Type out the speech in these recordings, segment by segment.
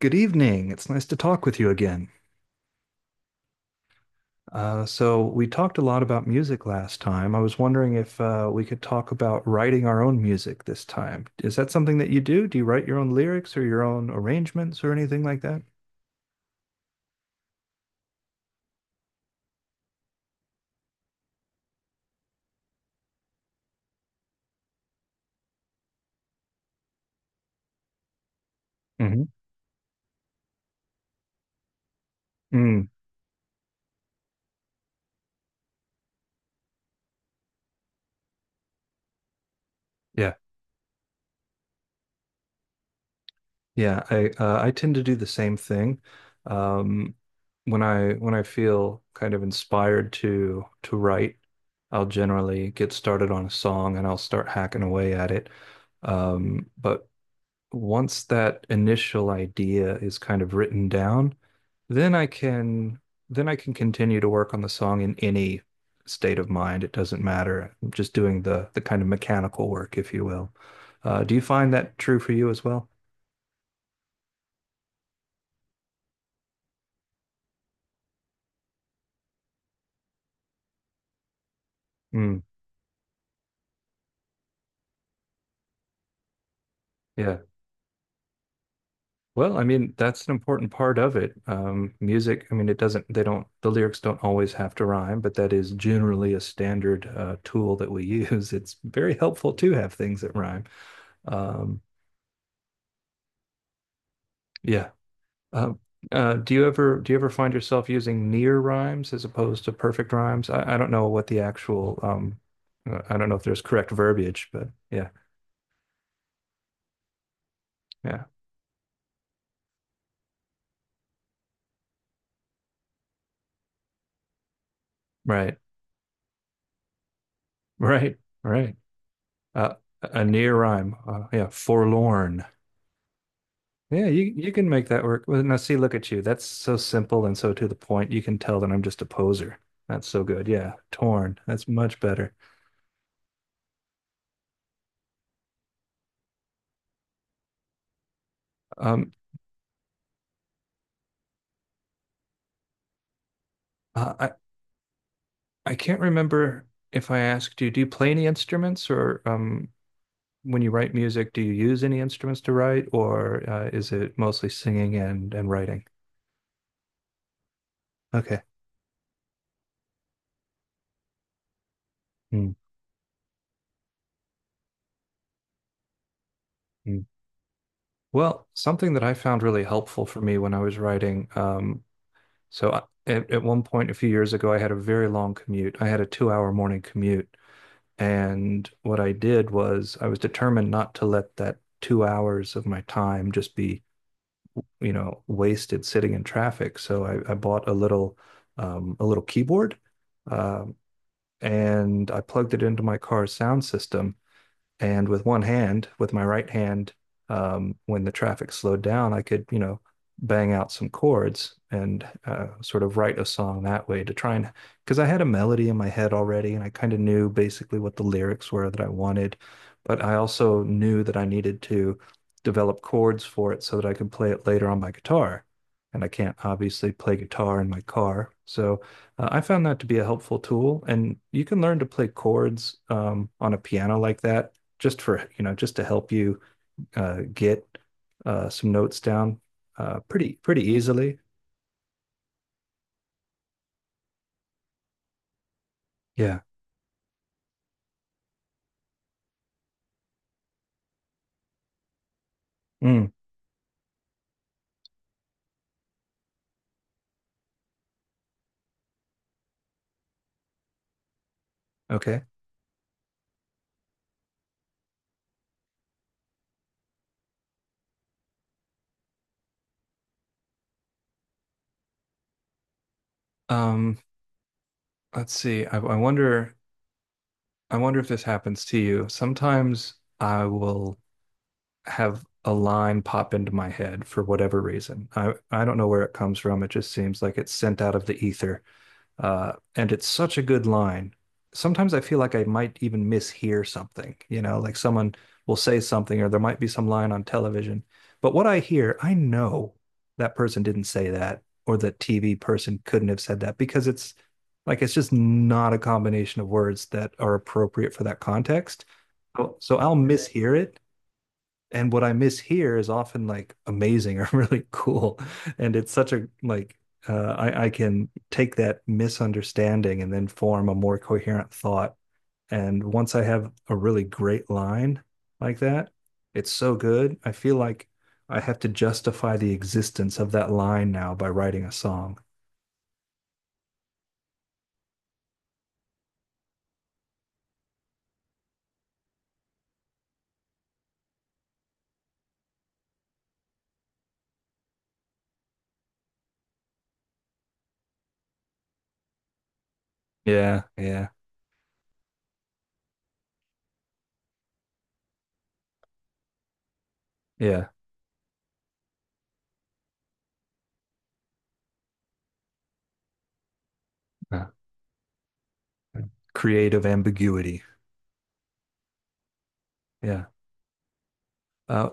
Good evening. It's nice to talk with you again. We talked a lot about music last time. I was wondering if we could talk about writing our own music this time. Is that something that you do? Do you write your own lyrics or your own arrangements or anything like that? Hmm. Mm, yeah, yeah. I tend to do the same thing. Um, when I feel kind of inspired to write, I'll generally get started on a song and I'll start hacking away at it. But once that initial idea is kind of written down, then I can then I can continue to work on the song in any state of mind. It doesn't matter. I'm just doing the kind of mechanical work, if you will. Do you find that true for you as well? Mm, yeah. Well, I mean, that's an important part of it. Music, I mean, it doesn't, they don't, the lyrics don't always have to rhyme, but that is generally a standard tool that we use. It's very helpful to have things that rhyme. Um, yeah. Uh, do you ever find yourself using near rhymes as opposed to perfect rhymes? I don't know what the actual I don't know if there's correct verbiage, but yeah, yeah, right, right, right. Uh, a near rhyme, yeah, forlorn. Yeah, you can make that work. Well, now see, look at you. That's so simple and so to the point. You can tell that I'm just a poser. That's so good. Yeah, torn. That's much better. Um, I can't remember if I asked you, do you play any instruments or when you write music, do you use any instruments to write, or is it mostly singing and writing? Okay. Mm, mm. Well, something that I found really helpful for me when I was writing, so I, at one point a few years ago, I had a very long commute. I had a 2 hour morning commute, and what I did was I was determined not to let that 2 hours of my time just be, you know, wasted sitting in traffic. So I bought a little keyboard uh, and I plugged it into my car's sound system and with one hand, with my right hand, when the traffic slowed down, I could, you know, bang out some chords and sort of write a song that way to try and, because I had a melody in my head already and I kind of knew basically what the lyrics were that I wanted. But I also knew that I needed to develop chords for it so that I could play it later on my guitar. And I can't obviously play guitar in my car. So I found that to be a helpful tool. And you can learn to play chords on a piano like that just for you know just to help you get some notes down pretty pretty easily. Yeah. Mm, okay. Um, let's see. I wonder. I wonder if this happens to you. Sometimes I will have a line pop into my head for whatever reason. I don't know where it comes from. It just seems like it's sent out of the ether. And it's such a good line. Sometimes I feel like I might even mishear something, you know, like someone will say something or there might be some line on television. But what I hear, I know that person didn't say that or the TV person couldn't have said that because it's just not a combination of words that are appropriate for that context. So so I'll mishear it and what I miss here is often like amazing or really cool. And it's such a like I can take that misunderstanding and then form a more coherent thought. And once I have a really great line like that, it's so good. I feel like I have to justify the existence of that line now by writing a song. Yeah, yeah, yeah. Uh, Creative ambiguity. Yeah. Uh,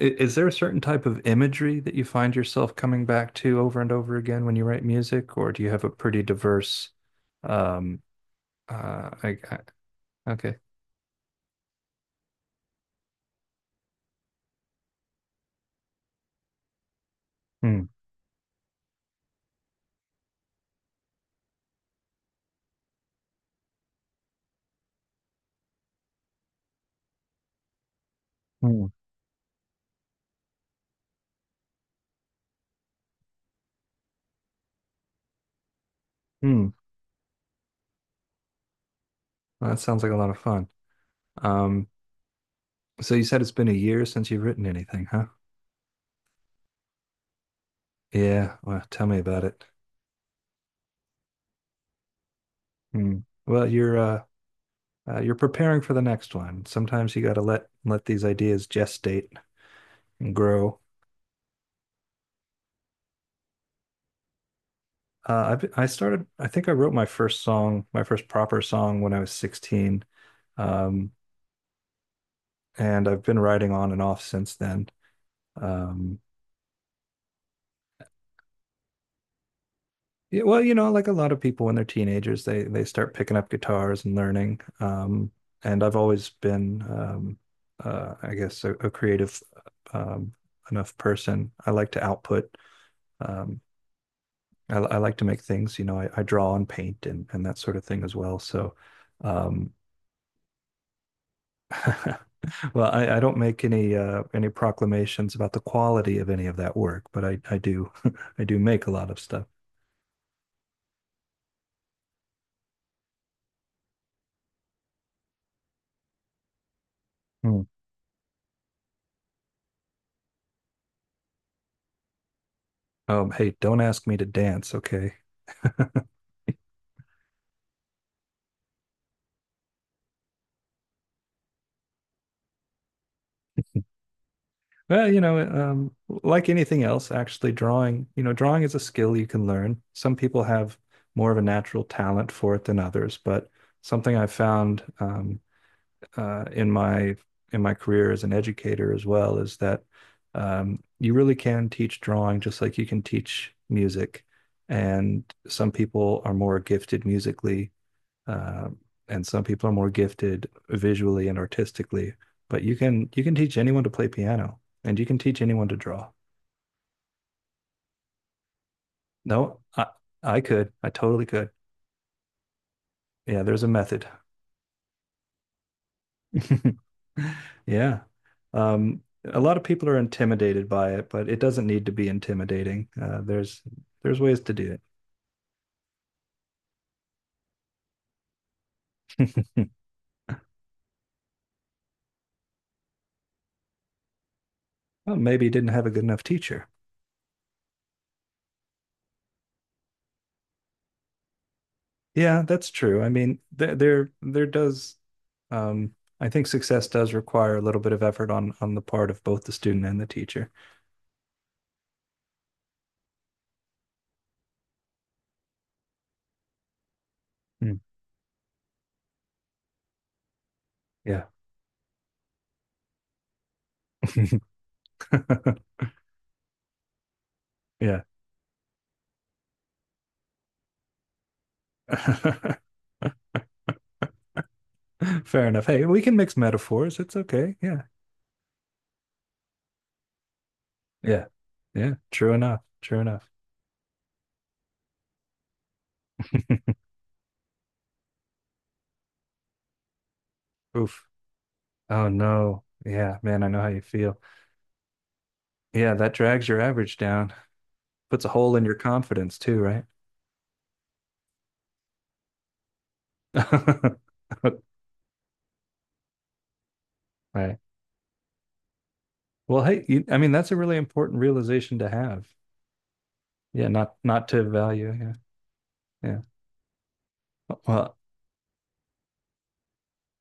is there a certain type of imagery that you find yourself coming back to over and over again when you write music, or do you have a pretty diverse, um, uh, I, I, okay. Hmm. Hmm. Hmm. Well, that sounds like a lot of fun. Um, so you said it's been a year since you've written anything, huh? Yeah. Well, tell me about it. Hmm. Well, you're preparing for the next one. Sometimes you got to let these ideas gestate and grow. I started. I think I wrote my first song, my first proper song, when I was 16, um, and I've been writing on and off since then. Um, yeah, well, you know, like a lot of people when they're teenagers, they start picking up guitars and learning. And I've always been, I guess, a creative um, enough person. I like to output. Um, I like to make things. You know, I draw and paint and that sort of thing as well. So. Um, Well, I don't make any proclamations about the quality of any of that work, but I do I do make a lot of stuff. Hmm. Hey, don't ask me to dance, okay? Well, you know, like anything else, actually drawing, you know, drawing is a skill you can learn. Some people have more of a natural talent for it than others, but something I've found uh, in my in my career as an educator as well is that you really can teach drawing just like you can teach music. And some people are more gifted musically, uh, and some people are more gifted visually and artistically. But you can teach anyone to play piano, and you can teach anyone to draw. No, I could, I totally could. Yeah, there's a method. Yeah. A lot of people are intimidated by it, but it doesn't need to be intimidating. There's ways to do it. Hmm. Well, maybe you didn't have a good enough teacher. Yeah, that's true. I mean, there does um, I think success does require a little bit of effort on the part of both the student and the teacher. Hmm. Yeah. Yeah. Fair enough. Hey, we can mix metaphors. It's okay. Yeah. Yeah. Yeah. True enough. True enough. Oof. Oh no. Yeah, man, I know how you feel. Yeah, that drags your average down. Puts a hole in your confidence too, right? Right. Well, hey, you, I mean, that's a really important realization to have. Yeah, not not to value. Yeah. Yeah. Well,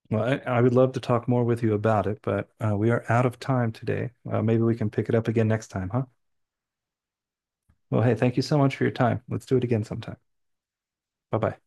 well, I would love to talk more with you about it, but we are out of time today. Maybe we can pick it up again next time, huh? Well, hey, thank you so much for your time. Let's do it again sometime. Bye-bye.